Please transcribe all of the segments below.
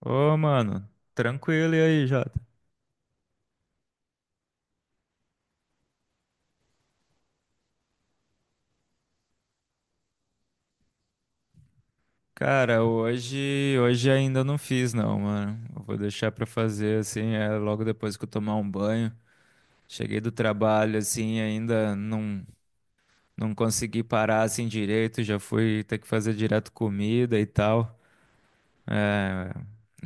Ô, mano, tranquilo e aí, Jota? Cara, hoje ainda não fiz não, mano. Eu vou deixar pra fazer assim, logo depois que eu tomar um banho. Cheguei do trabalho assim, ainda não consegui parar assim direito, já fui ter que fazer direto comida e tal. É,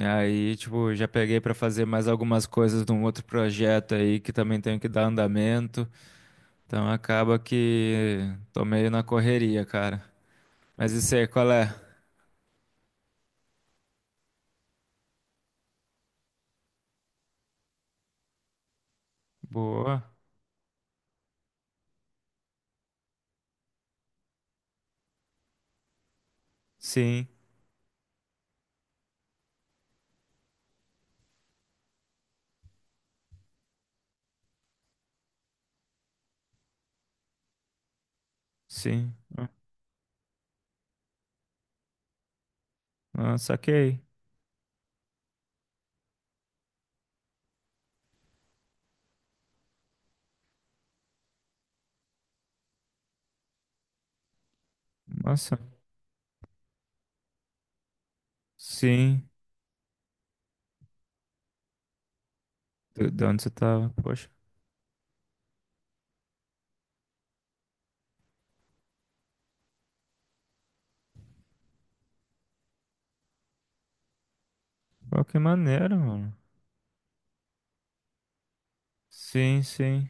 Aí, tipo, já peguei pra fazer mais algumas coisas de um outro projeto aí que também tenho que dar andamento. Então acaba que tô meio na correria, cara. Mas isso aí, qual é? Boa. Sim, sim. Ah, ah, saquei. Nossa. Sim. De onde você tava? Poxa. Pô, que maneiro, mano. Sim, sim.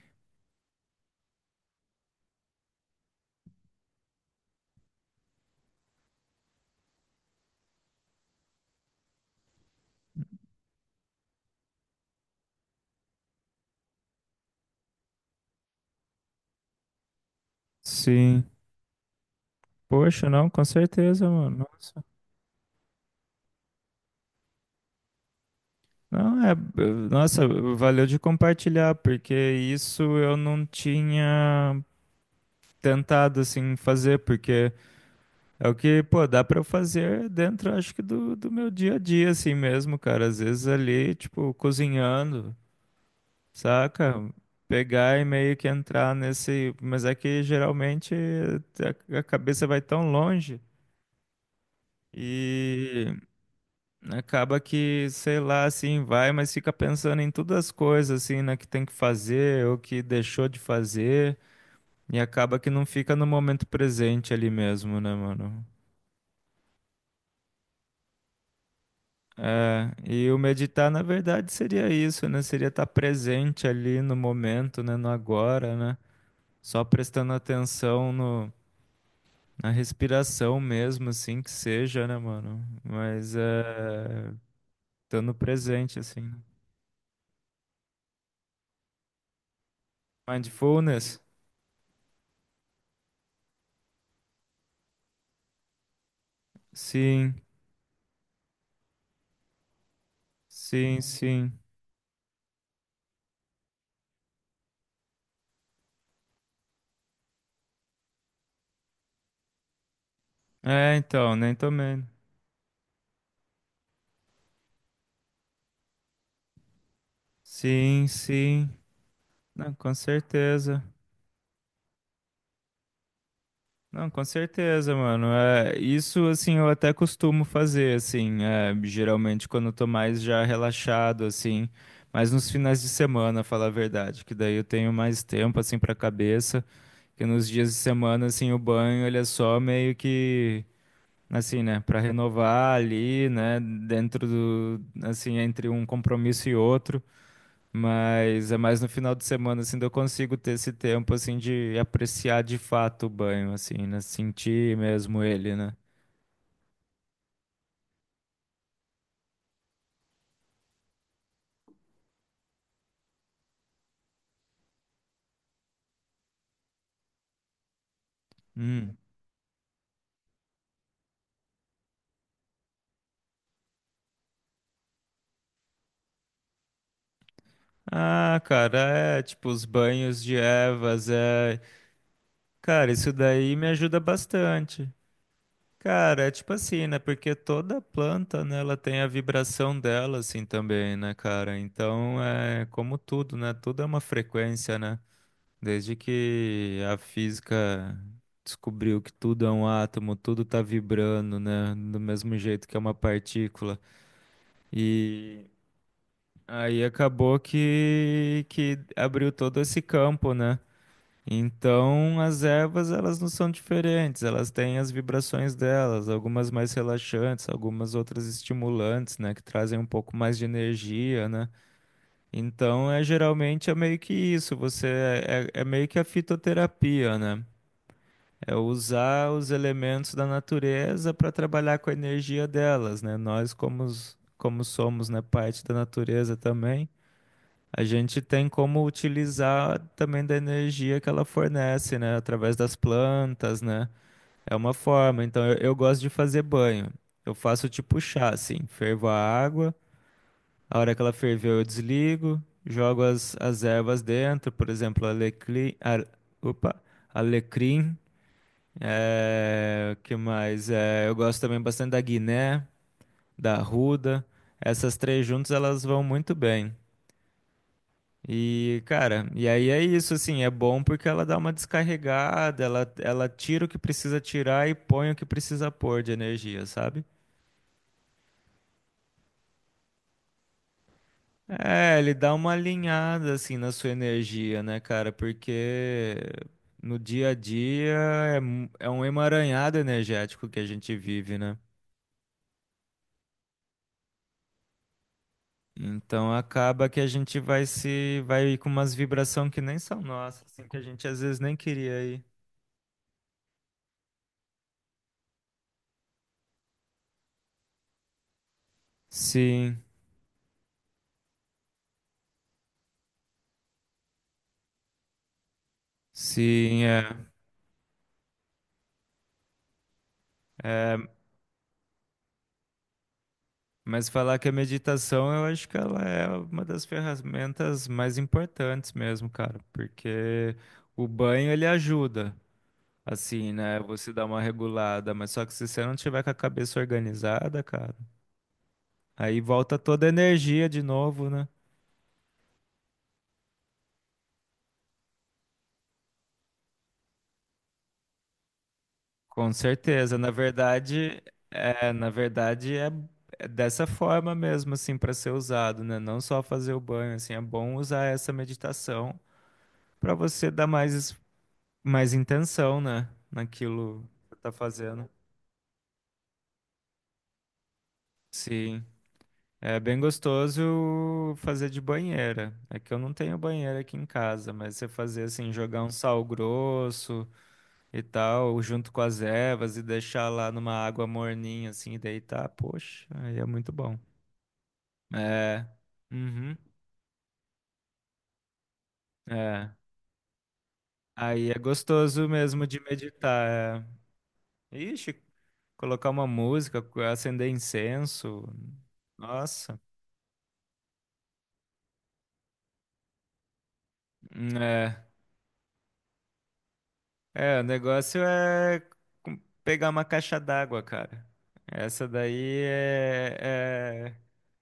Sim. Poxa, não, com certeza, mano. Nossa. Não, é. Nossa, valeu de compartilhar, porque isso eu não tinha tentado, assim, fazer, porque é o que, pô, dá pra eu fazer dentro, acho que, do meu dia a dia, assim mesmo, cara. Às vezes ali, tipo, cozinhando. Saca? Pegar e meio que entrar nesse. Mas é que geralmente a cabeça vai tão longe e acaba que, sei lá, assim, vai, mas fica pensando em todas as coisas, assim, né, que tem que fazer ou que deixou de fazer e acaba que não fica no momento presente ali mesmo, né, mano? É, e o meditar, na verdade, seria isso, né? Seria estar presente ali no momento, né, no agora, né? Só prestando atenção no Na respiração mesmo, assim, que seja, né, mano? Mas é. Estando presente, assim. Né? Mindfulness? Sim, sim, sim. É, então, nem tomei. Sim, sim. Não, com certeza. Não, com certeza, mano. É, isso, assim, eu até costumo fazer, assim. Geralmente quando eu tô mais já relaxado, assim. Mas nos finais de semana, falar a verdade, que daí eu tenho mais tempo, assim, pra cabeça. Porque nos dias de semana, assim, o banho, ele é só meio que, assim, né, pra renovar ali, né, dentro do, assim, entre um compromisso e outro. Mas é mais no final de semana, assim, que eu consigo ter esse tempo, assim, de apreciar de fato o banho, assim, né, sentir mesmo ele, né. Hum. Ah, cara, é, tipo, os banhos de ervas, é... Cara, isso daí me ajuda bastante. Cara, é tipo assim, né? Porque toda planta, né, ela tem a vibração dela, assim, também, né, cara? Então, é como tudo, né? Tudo é uma frequência, né? Desde que a física descobriu que tudo é um átomo, tudo tá vibrando, né? Do mesmo jeito que é uma partícula. E aí acabou que abriu todo esse campo, né? Então, as ervas, elas não são diferentes, elas têm as vibrações delas, algumas mais relaxantes, algumas outras estimulantes, né, que trazem um pouco mais de energia, né? Então, é geralmente é meio que isso, você é meio que a fitoterapia, né? É usar os elementos da natureza para trabalhar com a energia delas, né? Nós como, como somos, né, parte da natureza também, a gente tem como utilizar também da energia que ela fornece, né? Através das plantas, né? É uma forma. Então, eu gosto de fazer banho. Eu faço tipo chá, assim. Fervo a água. A hora que ela ferveu, eu desligo. Jogo as ervas dentro. Por exemplo, alecrim. Opa, alecrim. É, o que mais? É, eu gosto também bastante da guiné, da arruda. Essas três juntas, elas vão muito bem. E, cara, e aí é isso, assim, é bom porque ela dá uma descarregada, ela tira o que precisa tirar e põe o que precisa pôr de energia, sabe? É, ele dá uma alinhada, assim, na sua energia, né, cara? Porque no dia a dia é um emaranhado energético que a gente vive, né? Então acaba que a gente vai se, vai com umas vibração que nem são nossas, assim, que a gente às vezes nem queria ir. Sim, sim, é. Mas falar que a meditação, eu acho que ela é uma das ferramentas mais importantes mesmo, cara, porque o banho ele ajuda, assim, né? Você dá uma regulada, mas só que se você não tiver com a cabeça organizada, cara, aí volta toda a energia de novo, né? Com certeza. Na verdade, na verdade é dessa forma mesmo, assim, para ser usado, né? Não só fazer o banho, assim, é bom usar essa meditação para você dar mais intenção, né? Naquilo que tá fazendo. Sim. É bem gostoso fazer de banheira. É que eu não tenho banheira aqui em casa, mas você fazer assim, jogar um sal grosso e tal, junto com as ervas e deixar lá numa água morninha assim, e deitar, poxa, aí é muito bom. É. Uhum. É. Aí é gostoso mesmo de meditar. É. Ixi, colocar uma música, acender incenso. Nossa. É. É, o negócio é com- pegar uma caixa d'água, cara. Essa daí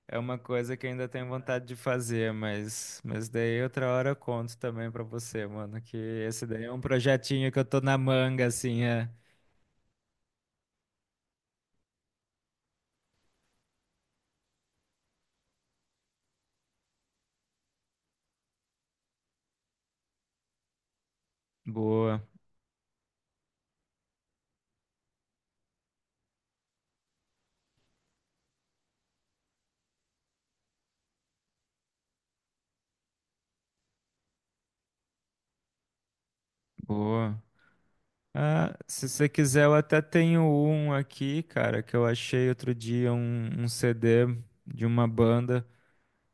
é uma coisa que eu ainda tenho vontade de fazer, mas daí outra hora eu conto também pra você, mano, que esse daí é um projetinho que eu tô na manga, assim, é. Boa, boa. Ah, se você quiser, eu até tenho um aqui, cara, que eu achei outro dia um CD de uma banda.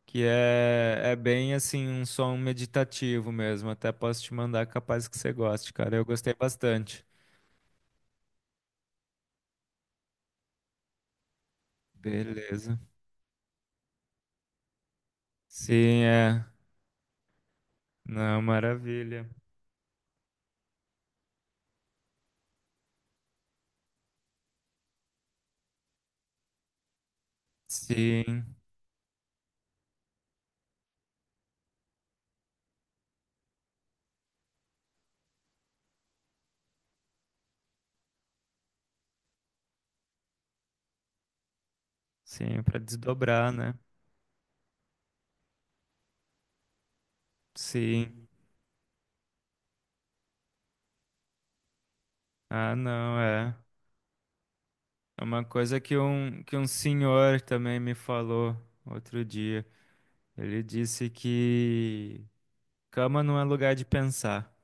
Que é, é bem assim, um som meditativo mesmo. Até posso te mandar, capaz que você goste, cara. Eu gostei bastante. Beleza. Sim, é. Não, maravilha. Sim, sim, para desdobrar, né? Sim. Ah, não, é. É uma coisa que um senhor também me falou outro dia. Ele disse que cama não é lugar de pensar.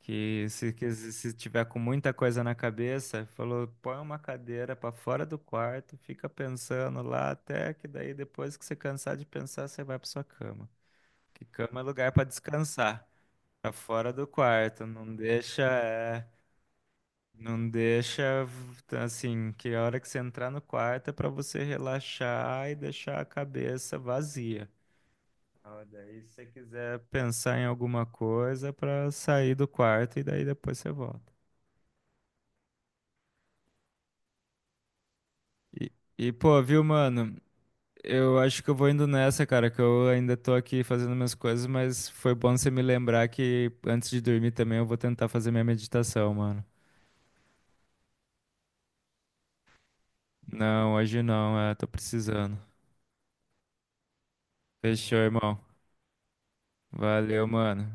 Que se se tiver com muita coisa na cabeça, falou, põe uma cadeira para fora do quarto, fica pensando lá até que daí depois que você cansar de pensar, você vai para sua cama. Que cama é lugar para descansar, para fora do quarto, não deixa, não deixa assim, que a hora que você entrar no quarto é para você relaxar e deixar a cabeça vazia. Ah, Daí, se você quiser pensar em alguma coisa, para sair do quarto e daí depois você volta. E, pô, viu, mano? Eu acho que eu vou indo nessa, cara, que eu ainda tô aqui fazendo minhas coisas, mas foi bom você me lembrar que antes de dormir também eu vou tentar fazer minha meditação, mano. Não, hoje não, é, tô precisando. Fechou, irmão. Valeu, mano.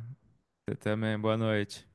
Você também, boa noite.